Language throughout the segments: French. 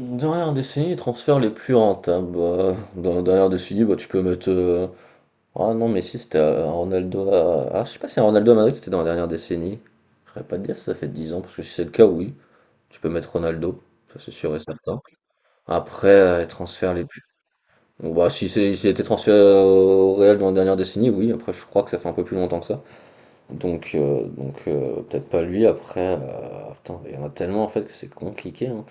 Dernière décennie, les transferts les plus rentables, bah, dans la dernière décennie, bah, tu peux mettre. Ah non, mais si, c'était Ronaldo à. Ah, je sais pas si Ronaldo à Madrid c'était dans la dernière décennie. Je saurais pas te dire si ça fait 10 ans, parce que si c'est le cas, oui. Tu peux mettre Ronaldo, ça c'est sûr et certain. Après, les transferts les plus. Bon, bah, si c'est, s'il a été transféré au Real dans la dernière décennie, oui. Après, je crois que ça fait un peu plus longtemps que ça. Donc, peut-être pas lui. Après, putain, il y en a tellement en fait que c'est compliqué, hein.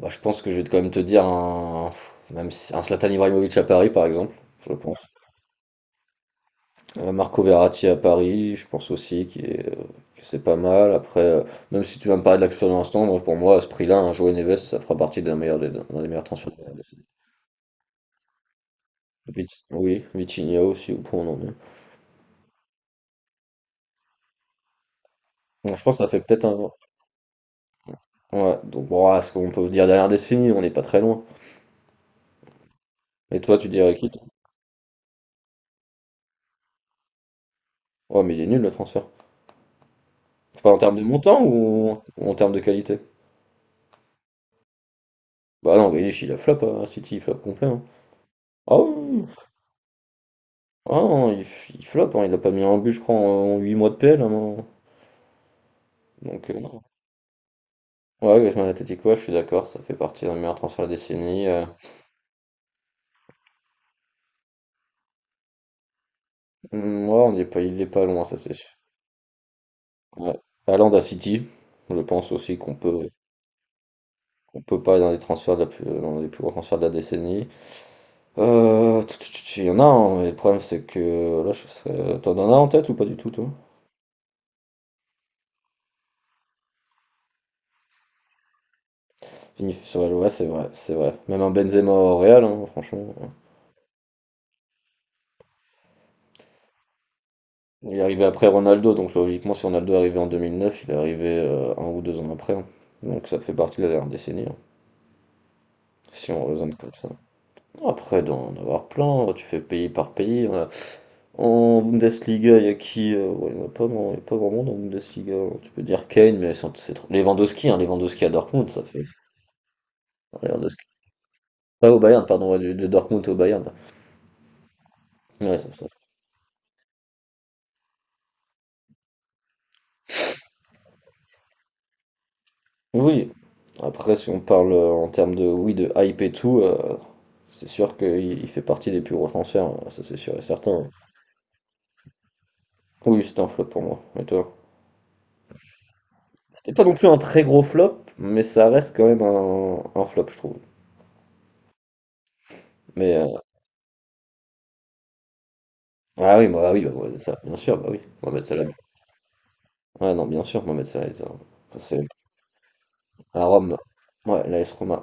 Bah, je pense que je vais quand même te dire un, même si- un Zlatan Ibrahimovic à Paris, par exemple, je pense. Marco Verratti à Paris, je pense aussi qu'il est, que c'est pas mal. Après, même si tu vas me parler de l'action de l'instant, moi, pour moi, à ce prix-là, un Joao Neves, ça fera partie d'un meilleur des, d'un des meilleurs transferts. Oui, Vitinha aussi, ou pour non est. Bon, je pense que ça fait peut-être un... Ouais, donc bon, ah, ce qu'on peut dire derrière décennie, on n'est pas très loin. Et toi, tu dirais qui? Toi. Ouais, mais il est nul le transfert. Pas en termes de montant ou en termes de qualité? Bah non, Grealish, il a flop hein, à City, il flop complet, hein. Ah oui, ah non, il, il floppe, hein, il a pas mis un but, je crois, en 8 mois de PL, hein. Non. Donc, non. Ouais, Griezmann Atletico, ouais, je suis d'accord, ça fait partie d'un meilleur transfert de la décennie, Hmm, ouais, on n'est pas, il est pas loin, ça c'est sûr. Ouais. Haaland à City, je pense aussi qu'on peut pas être dans les transferts de la plus, dans les plus gros transferts de la décennie. Il y en a un, mais le problème c'est que là, je serais... T'en as un en tête ou pas du tout, toi? Vinicius, ouais, ouais, c'est vrai, c'est vrai. Même un Benzema au Real, hein, franchement. Il est arrivé après Ronaldo, donc logiquement, si Ronaldo est arrivé en 2009, il est arrivé un ou 2 ans après, hein. Donc ça fait partie de la dernière décennie, hein, si on raisonne comme ça. Après, d'en avoir plein, hein, tu fais pays par pays, hein. En Bundesliga, il y a qui ouais, il n'y en a pas, non, il y a pas vraiment dans la Bundesliga, hein. Tu peux dire Kane, mais c'est trop. Lewandowski, hein, Lewandowski à Dortmund, ça fait. Lewandowski. Pas au Bayern, pardon, ouais, de Dortmund au Bayern. Ouais, ça, oui, après, si on parle en termes de, oui, de hype et tout, c'est sûr qu'il il fait partie des plus gros transferts, hein, ça c'est sûr et certain. Oui, c'était un flop pour moi. Et toi? C'était pas non plus un très gros flop, mais ça reste quand même un flop, je trouve. Mais, ah oui, bah, ouais, ça, bien sûr, bah oui, Mohamed Salah. Ouais, non, bien sûr, Mohamed Salah, il est un- enfin, c'est à Rome. Ouais, l'AS Roma.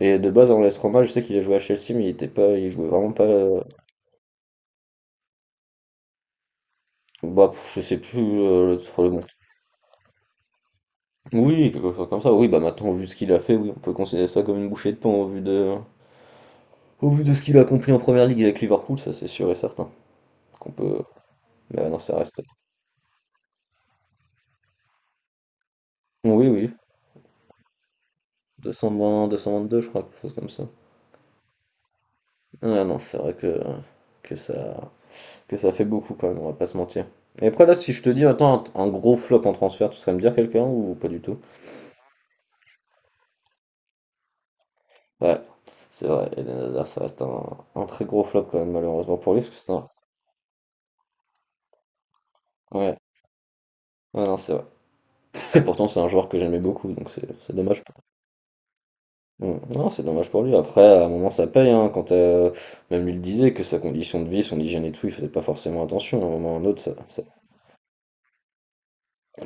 Et de base, en l'AS Roma, je sais qu'il a joué à Chelsea, mais il était pas, il jouait vraiment pas, bah, pff, je sais plus, oui, quelque chose comme ça. Oui, bah maintenant, vu ce qu'il a fait, oui, on peut considérer ça comme une bouchée de pain au vu de ce qu'il a accompli en première ligue avec Liverpool, ça c'est sûr et certain. Qu'on peut. Mais ouais, non, ça reste. Oui, oui, 222, je crois, quelque chose comme ça. Ah non, c'est vrai que ça, que ça fait beaucoup quand même, on va pas se mentir. Et après, là, si je te dis, attends, un gros flop en transfert, tu serais me dire quelqu'un ou pas du tout? Ouais, c'est vrai, Eden Hazard, ça reste un très gros flop quand même, malheureusement pour lui, parce que c'est un. Ouais, ouais, non, c'est vrai. Et pourtant, c'est un joueur que j'aimais beaucoup, donc c'est dommage. Mm. Non, c'est dommage pour lui. Après, à un moment, ça paye. Hein, quand même lui le disait que sa condition de vie, son hygiène et tout, il faisait pas forcément attention. À un moment, un autre, ça-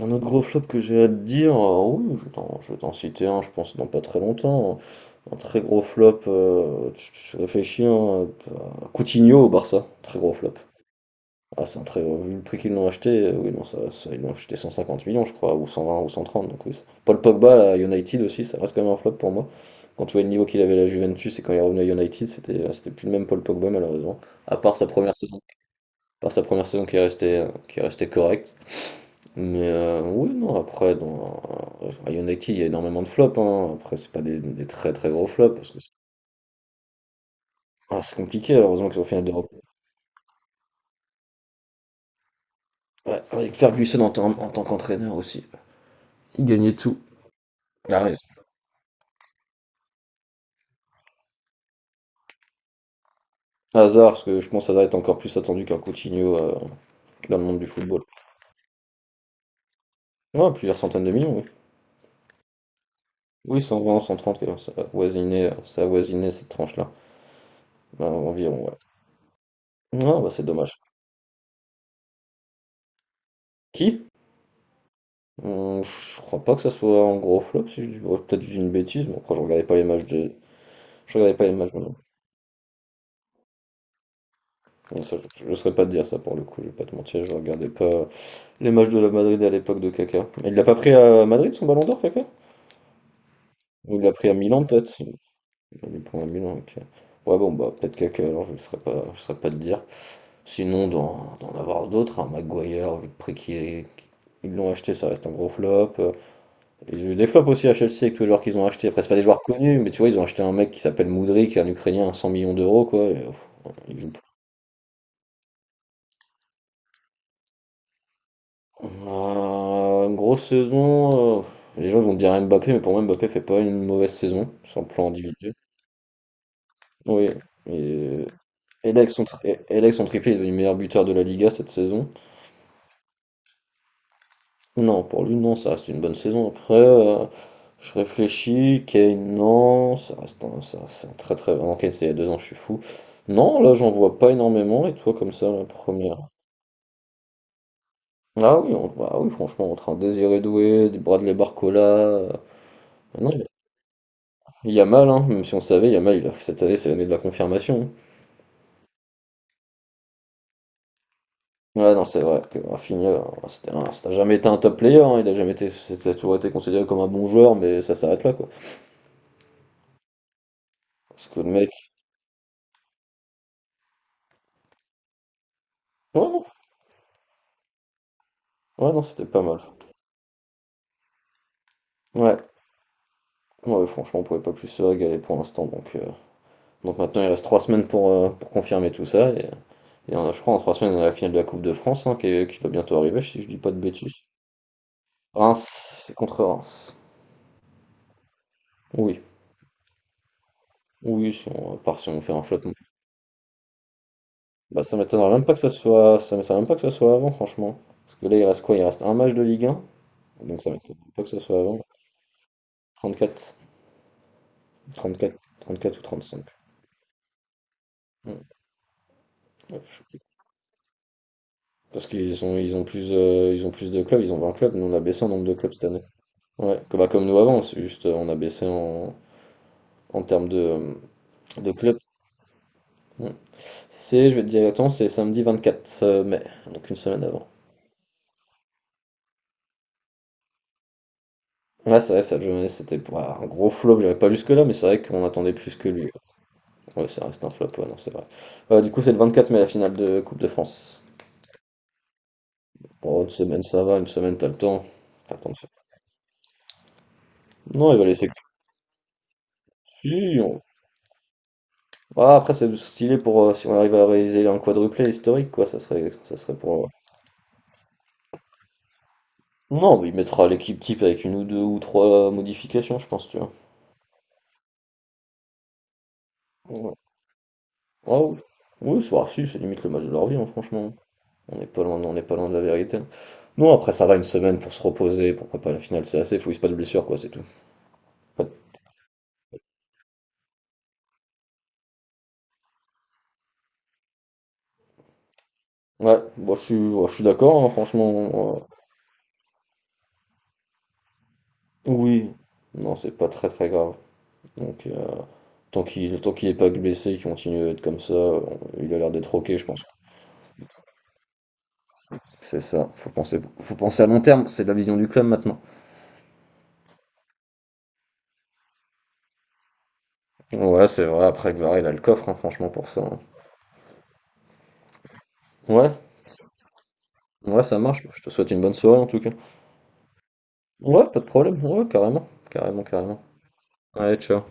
un autre gros flop que j'ai à te dire, oui, je vais t'en citer un, je pense, dans pas très longtemps. Un très gros flop. Je réfléchis, hein. Coutinho au Barça, très gros flop. Ah, c'est un très gros. Vu le prix qu'ils l'ont acheté, oui, non, ça, ils l'ont acheté 150 millions, je crois, ou 120 ou 130. Donc, oui. Ça- Paul Pogba à United aussi, ça reste quand même un flop pour moi. Quand tu vois le niveau qu'il avait à la Juventus et quand il est revenu à United, c'était c'était plus le même Paul Pogba malheureusement. À part sa première saison, à part sa première saison qui est restée correcte. Mais oui, non, après, dans, à United, il y a énormément de flops, hein. Après, c'est pas des, des très très gros flops parce que c'est ah, c'est compliqué, heureusement qu'ils sont au final d'Europe. Ouais, avec Ferguson en, en tant qu'entraîneur aussi, il gagnait tout. Ah, ouais. Hazard, parce que je pense que Hazard est encore plus attendu qu'un Coutinho dans le monde du football. Ouais, plusieurs centaines de millions, oui. Oui, 120, 130, ça a voisiné cette tranche-là. Bah, environ, ouais. Ah, bah c'est dommage. Qui? Je crois pas que ça soit un gros flop, si je dis, ouais, peut-être que je dis une bêtise, mais après je regardais pas les matchs de... Je regardais pas les matchs, non. Non, ça, je, ne saurais pas te dire ça pour le coup, je vais pas te mentir, je regardais pas les matchs de la Madrid à l'époque de Kaka. Mais il l'a pas pris à Madrid son ballon d'or, Kaka? Ou il l'a pris à Milan peut-être? Il des points à Milan, ok. Ouais, bon, bah, peut-être Kaka, alors je ne saurais pas, je saurais pas te dire. Sinon, d'en avoir d'autres, un Maguire, vu le prix qui est- qu'ils l'ont acheté, ça reste un gros flop. Ils ont eu des flops aussi à Chelsea avec tous les joueurs qu'ils ont achetés. Après, c'est pas des joueurs connus, mais tu vois, ils ont acheté un mec qui s'appelle Moudry, qui est un Ukrainien à 100 millions d'euros, quoi, il joue plus. Une grosse saison, les gens vont me dire Mbappé, mais pour moi, Mbappé fait pas une mauvaise saison, sur le plan individuel. Oui, et, avec son, et là, avec son triplé, il est devenu meilleur buteur de la Liga cette saison. Non, pour lui, non, ça reste une bonne saison. Après, je réfléchis. Kane, non, ça reste un, ça, c'est un très très. Non, Kane, c'est il y a 2 ans, je suis fou. Non, là, j'en vois pas énormément. Et toi, comme ça, la première. Ah oui, on, bah oui, franchement, entre un Désiré Doué, des Bradley Barcola, non, il y a mal, hein, même si on savait, il y a, mal cette année, c'est l'année de la confirmation. Ouais, non, c'est vrai que Rafinha, c'était un- ça n'a jamais été un top player, hein, il a jamais été. C'était toujours été considéré comme un bon joueur, mais ça s'arrête là, quoi. Parce que le mec. Ouais, non, ouais, non, c'était pas mal. Ouais. Ouais, franchement, on pouvait pas plus se régaler pour l'instant. Donc maintenant, il reste 3 semaines pour confirmer tout ça. Et, je crois en 3 semaines, on a la finale de la Coupe de France hein, qui, est- qui va bientôt arriver, si je dis pas de bêtises. Reims, c'est contre Reims. Oui, oui, si on, à part si on fait un flottement. Bah, ça m'étonnerait même pas que ça soit, ça m'étonnerait même pas que ça soit avant, franchement. Parce que là, il reste quoi? Il reste un match de Ligue 1, donc ça m'étonnerait pas que ça soit avant. 34, 34, 34 ou 35. Hmm, ouais, je sais plus. Parce qu'ils ont, ils ont plus de clubs, ils ont 20 clubs, nous on a baissé en nombre de clubs cette année. Ouais, comme, bah, comme nous avant, c'est juste on a baissé en, en termes de club. Ouais. C'est, je vais te dire attends, c'est samedi 24 mai, donc une semaine avant. Ouais, c'est vrai, cette journée, c'était pour un gros flop, j'avais pas jusque-là, mais c'est vrai qu'on attendait plus que lui. Ouais, ça reste un flop, ouais, non, c'est vrai. Du coup, c'est le 24 mai, la finale de Coupe de France. Bon, une semaine, ça va, une semaine, t'as le temps. T'as le temps de faire. Non, il va laisser que si, on- Ah, après, c'est stylé pour si on arrive à réaliser un quadruplé historique, quoi, ça serait pour, non, mais il mettra l'équipe type avec une ou deux ou trois modifications, je pense, tu vois. Ouais. Ah oui, oui, c'est bah, si, c'est limite le match de leur vie, hein, franchement. On n'est pas loin, on n'est pas loin de la vérité. Non, après ça va une semaine pour se reposer, pour préparer la finale, c'est assez, faut qu'il se passe de blessure, quoi, c'est tout. Ouais, ouais, bon, je suis, ouais, je suis d'accord, hein, franchement. Oui, non, c'est pas très très grave. Donc, tant qu'il est pas blessé, qu'il continue à être comme ça, on- il a l'air d'être ok, je pense. C'est ça, faut penser à long terme, c'est de la vision du club maintenant. Ouais, c'est vrai, après Guevara, il a le coffre, hein, franchement, pour ça, hein. Ouais, ouais, ça marche. Je te souhaite une bonne soirée en tout cas. Ouais, pas de problème, ouais, carrément, carrément, carrément. Allez, ciao.